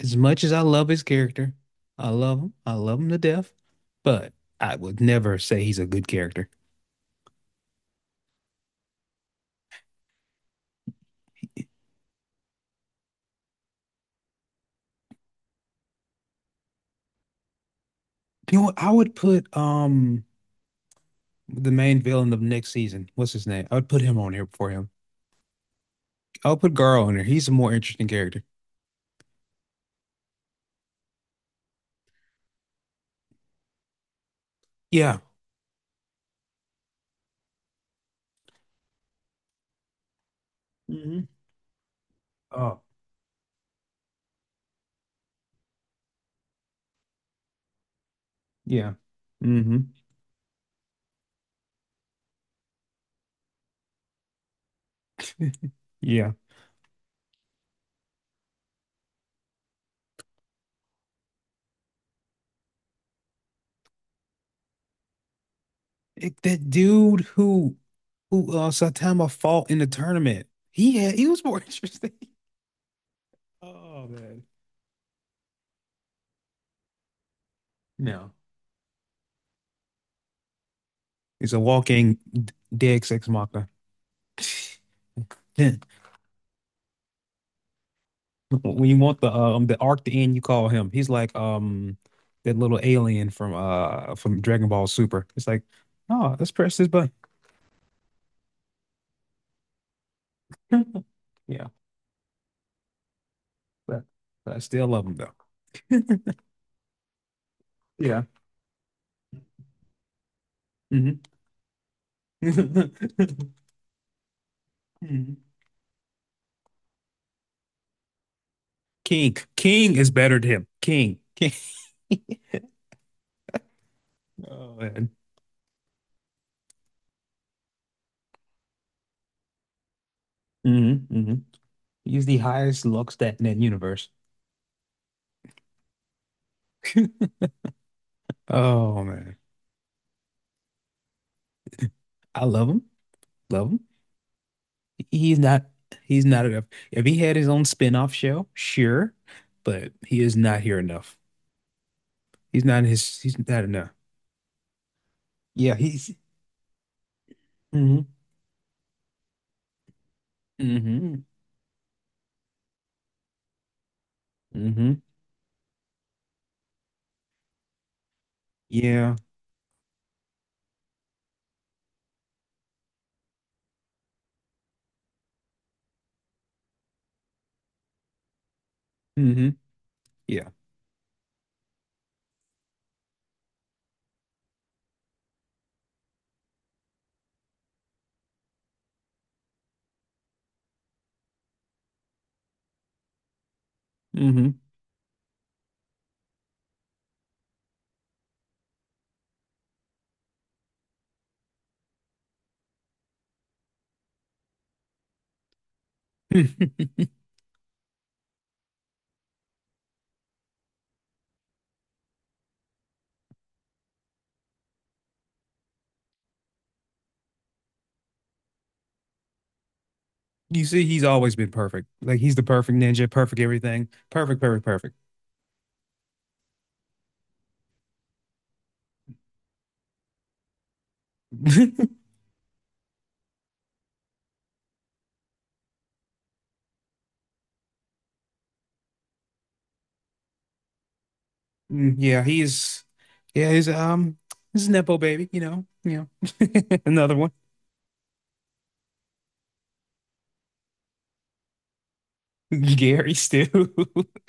As much as I love his character, I love him. I love him to death, but I would never say he's a good character. You know what? I would put the main villain of next season. What's his name? I would put him on here before him. I'll put Garo on here. He's a more interesting character. Yeah. Hmm. Oh, yeah. Hmm. Yeah. That dude who who Saitama fought in the tournament. He was more interesting. Oh man. No. He's a walking dead sex machina. When you want the arc to end, you call him. He's like that little alien from Dragon Ball Super. It's like, oh, let's press this button. Yeah, but, but I still love him though. Yeah. Hmm. King. King is better than him. King. King. Oh man. Hmm. Hmm. He's the highest Lux stat in that universe. Oh man. I love him. Love him. He's not he's not enough. If he had his own spin-off show, sure, but he is not here enough. He's not enough. Yeah, he's hmm hmm hmm Yeah. Hmm. Yeah. Hmm. You see, he's always been perfect. Like he's the perfect ninja, perfect everything. Perfect, perfect, perfect. Mm, yeah, he's yeah, he's a Nepo baby, you know. You know. Another one. Gary Stu.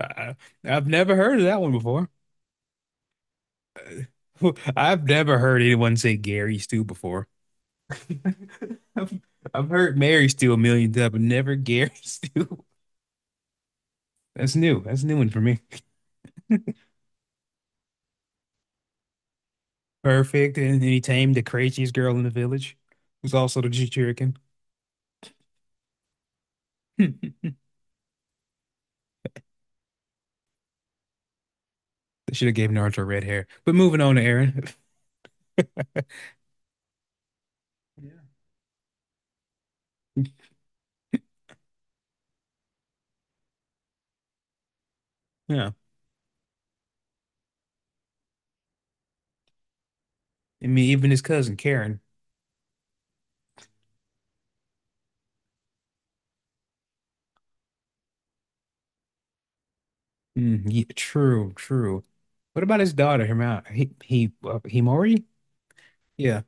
I- I've never heard of that one before. I've never heard anyone say Gary Stu before. I've, I've heard Mary Stu a million times, but never Gary Stu. That's new. That's a new one for me. Perfect. And then he tamed the craziest girl in the village, who's also the Jinchurikin. They should have gave Naruto red hair. But moving on to Aaron. Yeah. Yeah. I mean, even his cousin Karen. Mm, yeah, true, true. What about his daughter, Hima? Himori? Yeah.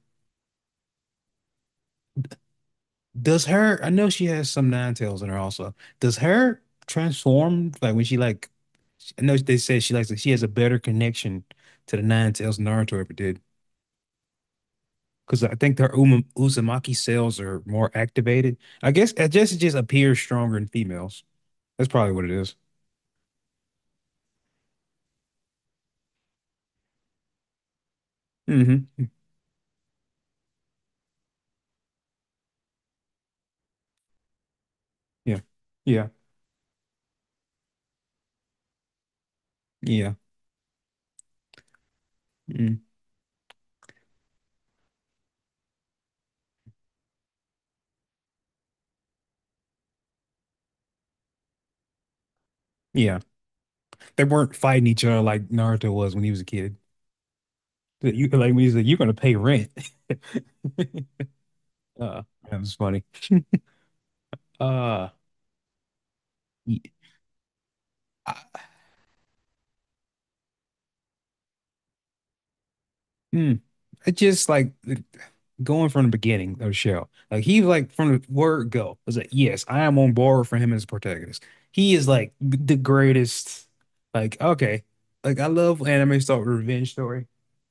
Does her, I know she has some nine tails in her also. Does her transform like when she like I know they said she has a better connection to the nine tails than Naruto ever did. Because I think their Uzumaki cells are more activated. I guess it just appears stronger in females. That's probably what it is. Mm-hmm. Yeah. Yeah. Yeah. Mm. Yeah. They weren't fighting each other like Naruto was when he was a kid. You like when he's like, you're gonna pay rent. Uh, that was funny. Uh, y- I, hmm, it's just like going from the beginning of the show. Like he like from the word go was like, yes, I am on board for him as a protagonist. He is like the greatest. Like okay, like I love when anime start with a revenge story.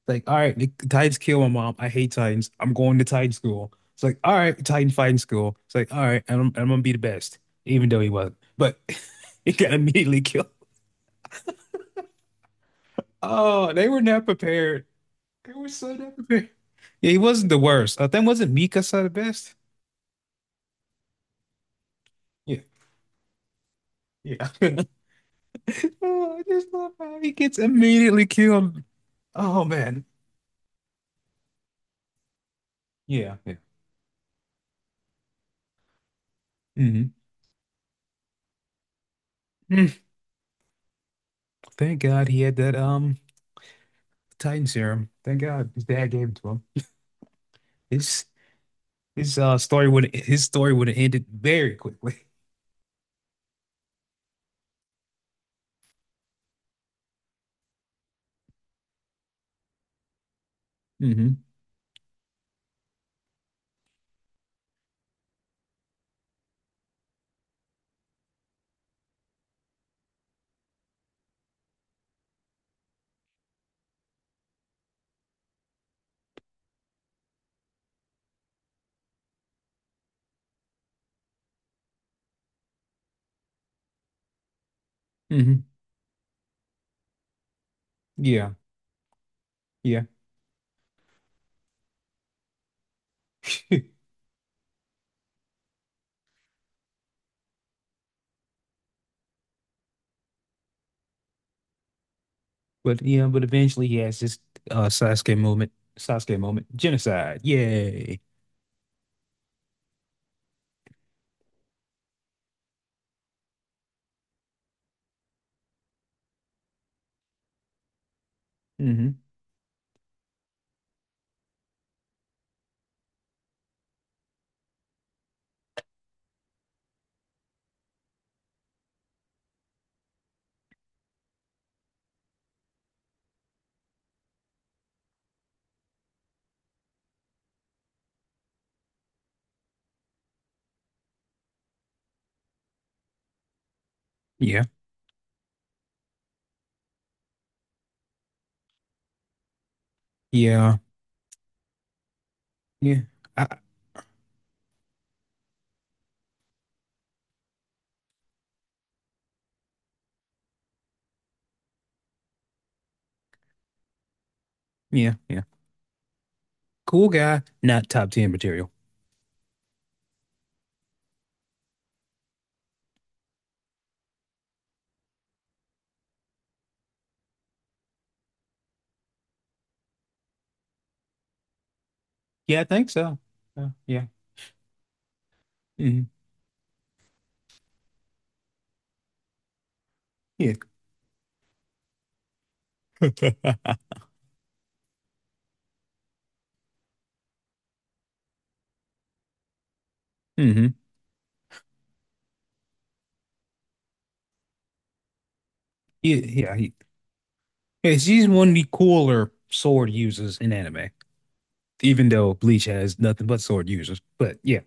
Like all right, the Titans kill my mom. I hate Titans. I'm going to Titan school. It's like all right, Titan fighting school. It's like all right, and I'm gonna be the best, even though he wasn't. But he got immediately killed. Oh, they were not prepared. They were so damn good. Yeah, he wasn't the worst. I think wasn't Mikasa the best? Yeah, yeah. Oh, I just love how he gets immediately killed. Oh man. Yeah, yeah. Hmm. Thank God he had that Titan serum. Thank God his dad gave it to him. His his story would have ended very quickly. Hmm. Hmm. Yeah, yeah. But yeah, but eventually he has this Sasuke moment, genocide. Yay. Hmm. Yeah. Yeah. Yeah. I, yeah. Yeah. Cool guy, not top 10 material. Yeah, I think so. Yeah. Hmm. Yeah. Hmm. Yeah. Yeah, she's one of the cooler sword users in anime, even though Bleach has nothing but sword users. But yeah.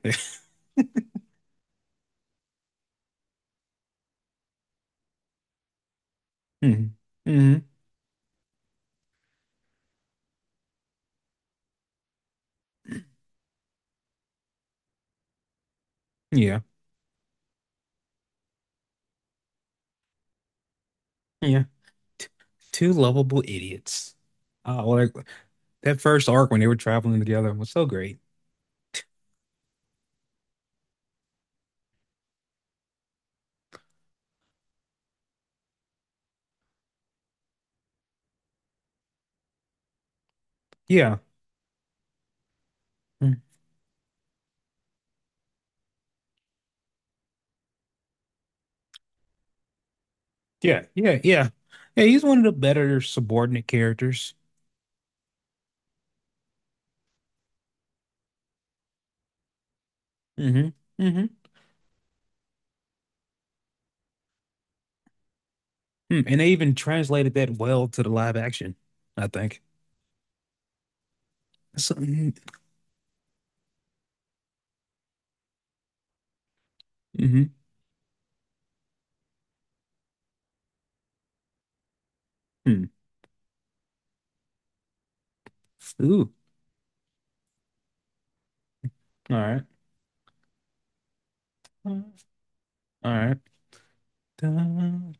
Hmm. Hmm. Yeah. Yeah. Two lovable idiots. Oh, well, like that first arc when they were traveling together was so great. Yeah. Mm. Yeah. Yeah. Yeah. Yeah. He's one of the better subordinate characters. Hmm. Hmm. Mm, and they even translated that well to the live action, I think. So. Mm-hmm. Mm. Ooh. All right. All right.